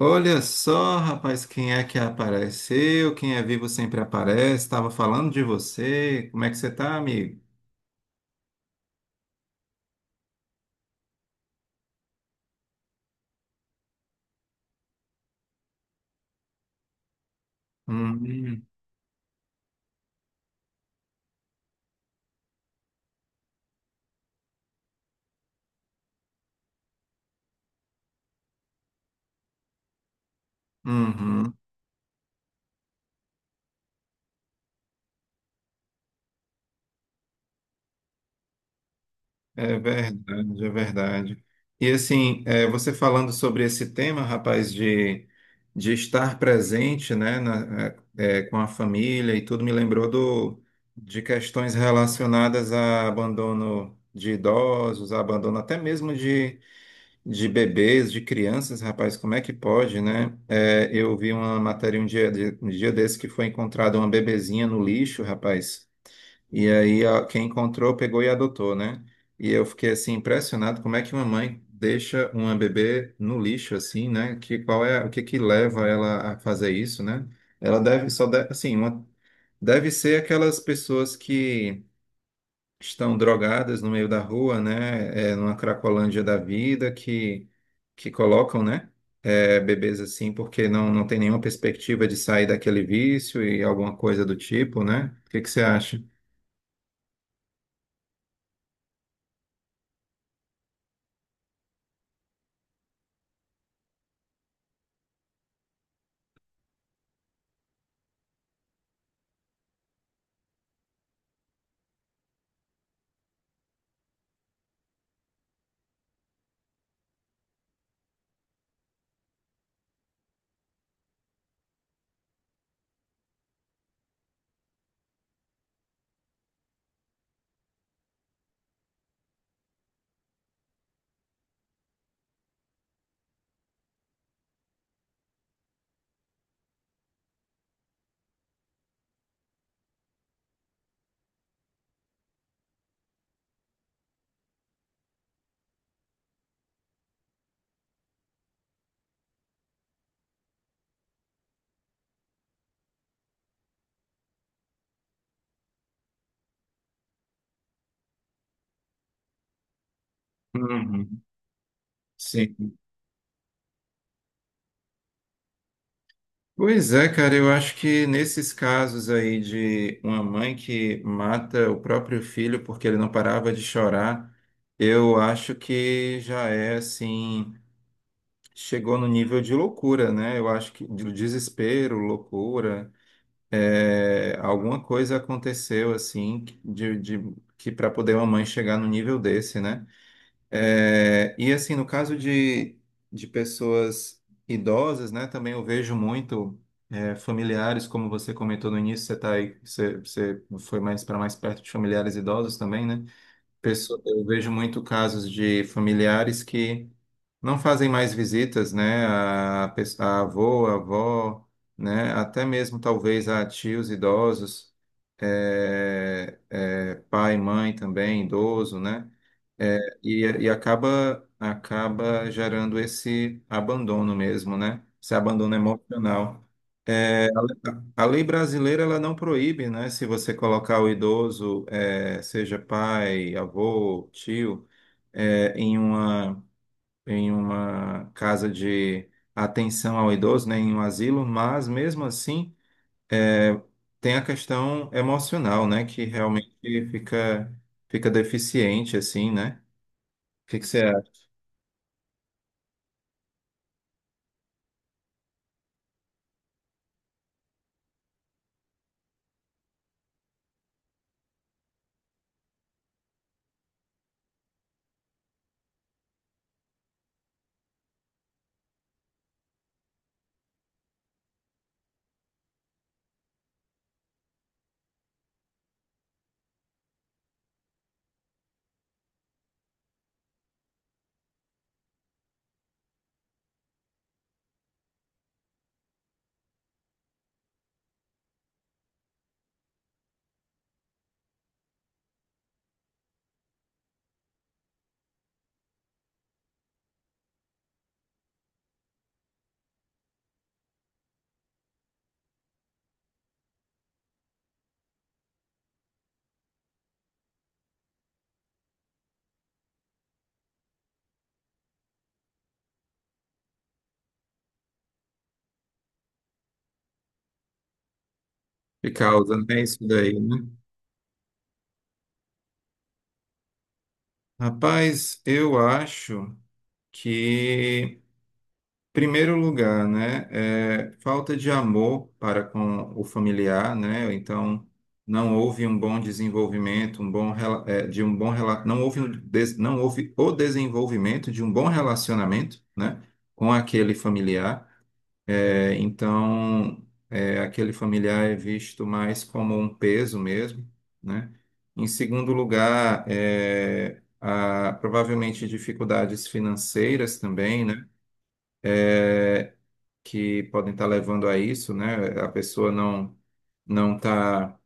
Olha só, rapaz, quem é que apareceu? Quem é vivo sempre aparece. Estava falando de você. Como é que você tá, amigo? Hum. Uhum. É verdade, é verdade. E assim, você falando sobre esse tema, rapaz, de, estar presente, né, com a família e tudo, me lembrou de questões relacionadas a abandono de idosos, abandono até mesmo de bebês, de crianças, rapaz, como é que pode, né? É, eu vi uma matéria um dia, um dia desse que foi encontrada uma bebezinha no lixo, rapaz, e aí ó, quem encontrou pegou e adotou, né? E eu fiquei assim impressionado como é que uma mãe deixa uma bebê no lixo assim, né? Que qual é o que que leva ela a fazer isso, né? Ela deve só deve, assim, uma, deve ser aquelas pessoas que estão drogadas no meio da rua, né? É, numa cracolândia da vida que colocam, né? É, bebês assim, porque não, não tem nenhuma perspectiva de sair daquele vício e alguma coisa do tipo, né? O que que você acha? Uhum. Sim. Pois é, cara, eu acho que nesses casos aí de uma mãe que mata o próprio filho porque ele não parava de chorar, eu acho que já é assim, chegou no nível de loucura, né? Eu acho que de desespero, loucura, é, alguma coisa aconteceu assim que para poder uma mãe chegar no nível desse, né? É, e assim, no caso de, pessoas idosas, né? Também eu vejo muito familiares, como você comentou no início, você tá aí, você, você foi mais para mais perto de familiares idosos também, né? Eu vejo muito casos de familiares que não fazem mais visitas, né, a avô, a avó, né, até mesmo talvez a tios idosos, pai, mãe também, idoso, né, é, e acaba gerando esse abandono mesmo, né? Esse abandono emocional. É, a, lei brasileira ela não proíbe, né? Se você colocar o idoso, é, seja pai, avô, tio, é, em uma casa de atenção ao idoso, né? Em um asilo, mas mesmo assim é, tem a questão emocional, né? Que realmente fica deficiente, assim, né? O que que você acha que causa, né, isso daí, né? Rapaz, eu acho que, primeiro lugar, né, é falta de amor para com o familiar, né? Então, não houve um bom desenvolvimento, um bom rela- é, de um bom rela- não houve o desenvolvimento de um bom relacionamento, né, com aquele familiar. É, então, aquele familiar é visto mais como um peso mesmo, né? Em segundo lugar, é, provavelmente dificuldades financeiras também, né? Que podem estar levando a isso, né? A pessoa não não está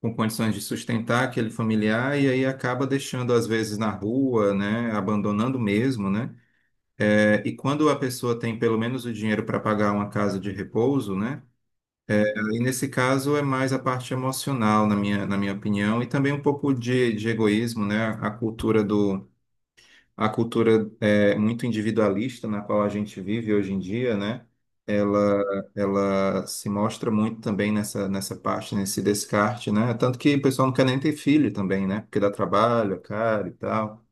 com condições de sustentar aquele familiar e aí acaba deixando às vezes na rua, né? Abandonando mesmo, né? É, e quando a pessoa tem pelo menos o dinheiro para pagar uma casa de repouso, né? E nesse caso é mais a parte emocional, na minha opinião, e também um pouco de egoísmo, né? A cultura a cultura é, muito individualista na qual a gente vive hoje em dia, né? Ela, se mostra muito também nessa, parte, nesse descarte, né? Tanto que o pessoal não quer nem ter filho também, né? Porque dá trabalho, é caro e tal.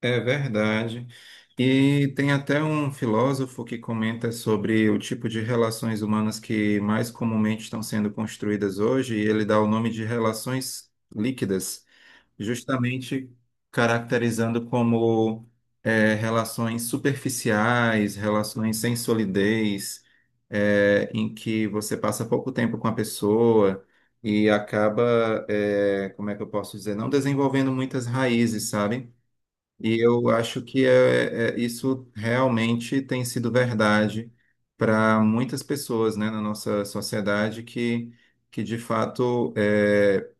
É verdade. E tem até um filósofo que comenta sobre o tipo de relações humanas que mais comumente estão sendo construídas hoje, e ele dá o nome de relações líquidas, justamente caracterizando como é, relações superficiais, relações sem solidez, é, em que você passa pouco tempo com a pessoa e acaba, é, como é que eu posso dizer, não desenvolvendo muitas raízes, sabe? E eu acho que isso realmente tem sido verdade para muitas pessoas, né, na nossa sociedade que de fato é,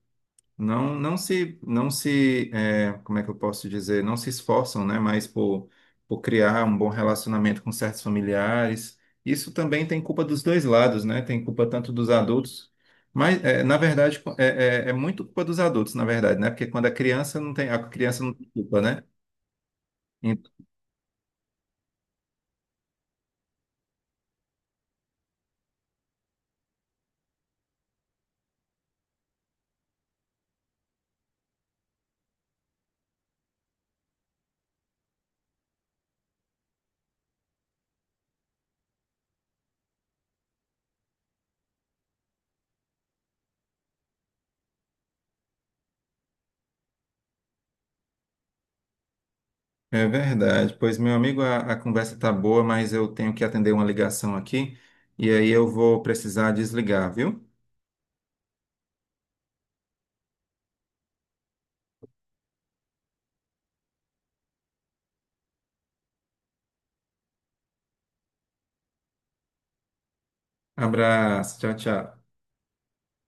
não, não se, não se é, como é que eu posso dizer, não se esforçam, né, mais por criar um bom relacionamento com certos familiares. Isso também tem culpa dos dois lados, né? Tem culpa tanto dos adultos, mas é, na verdade é, é muito culpa dos adultos, na verdade, né? Porque quando a criança não tem, a criança não tem culpa, né? É verdade. Pois, meu amigo, a, conversa tá boa, mas eu tenho que atender uma ligação aqui e aí eu vou precisar desligar, viu? Abraço, tchau, tchau.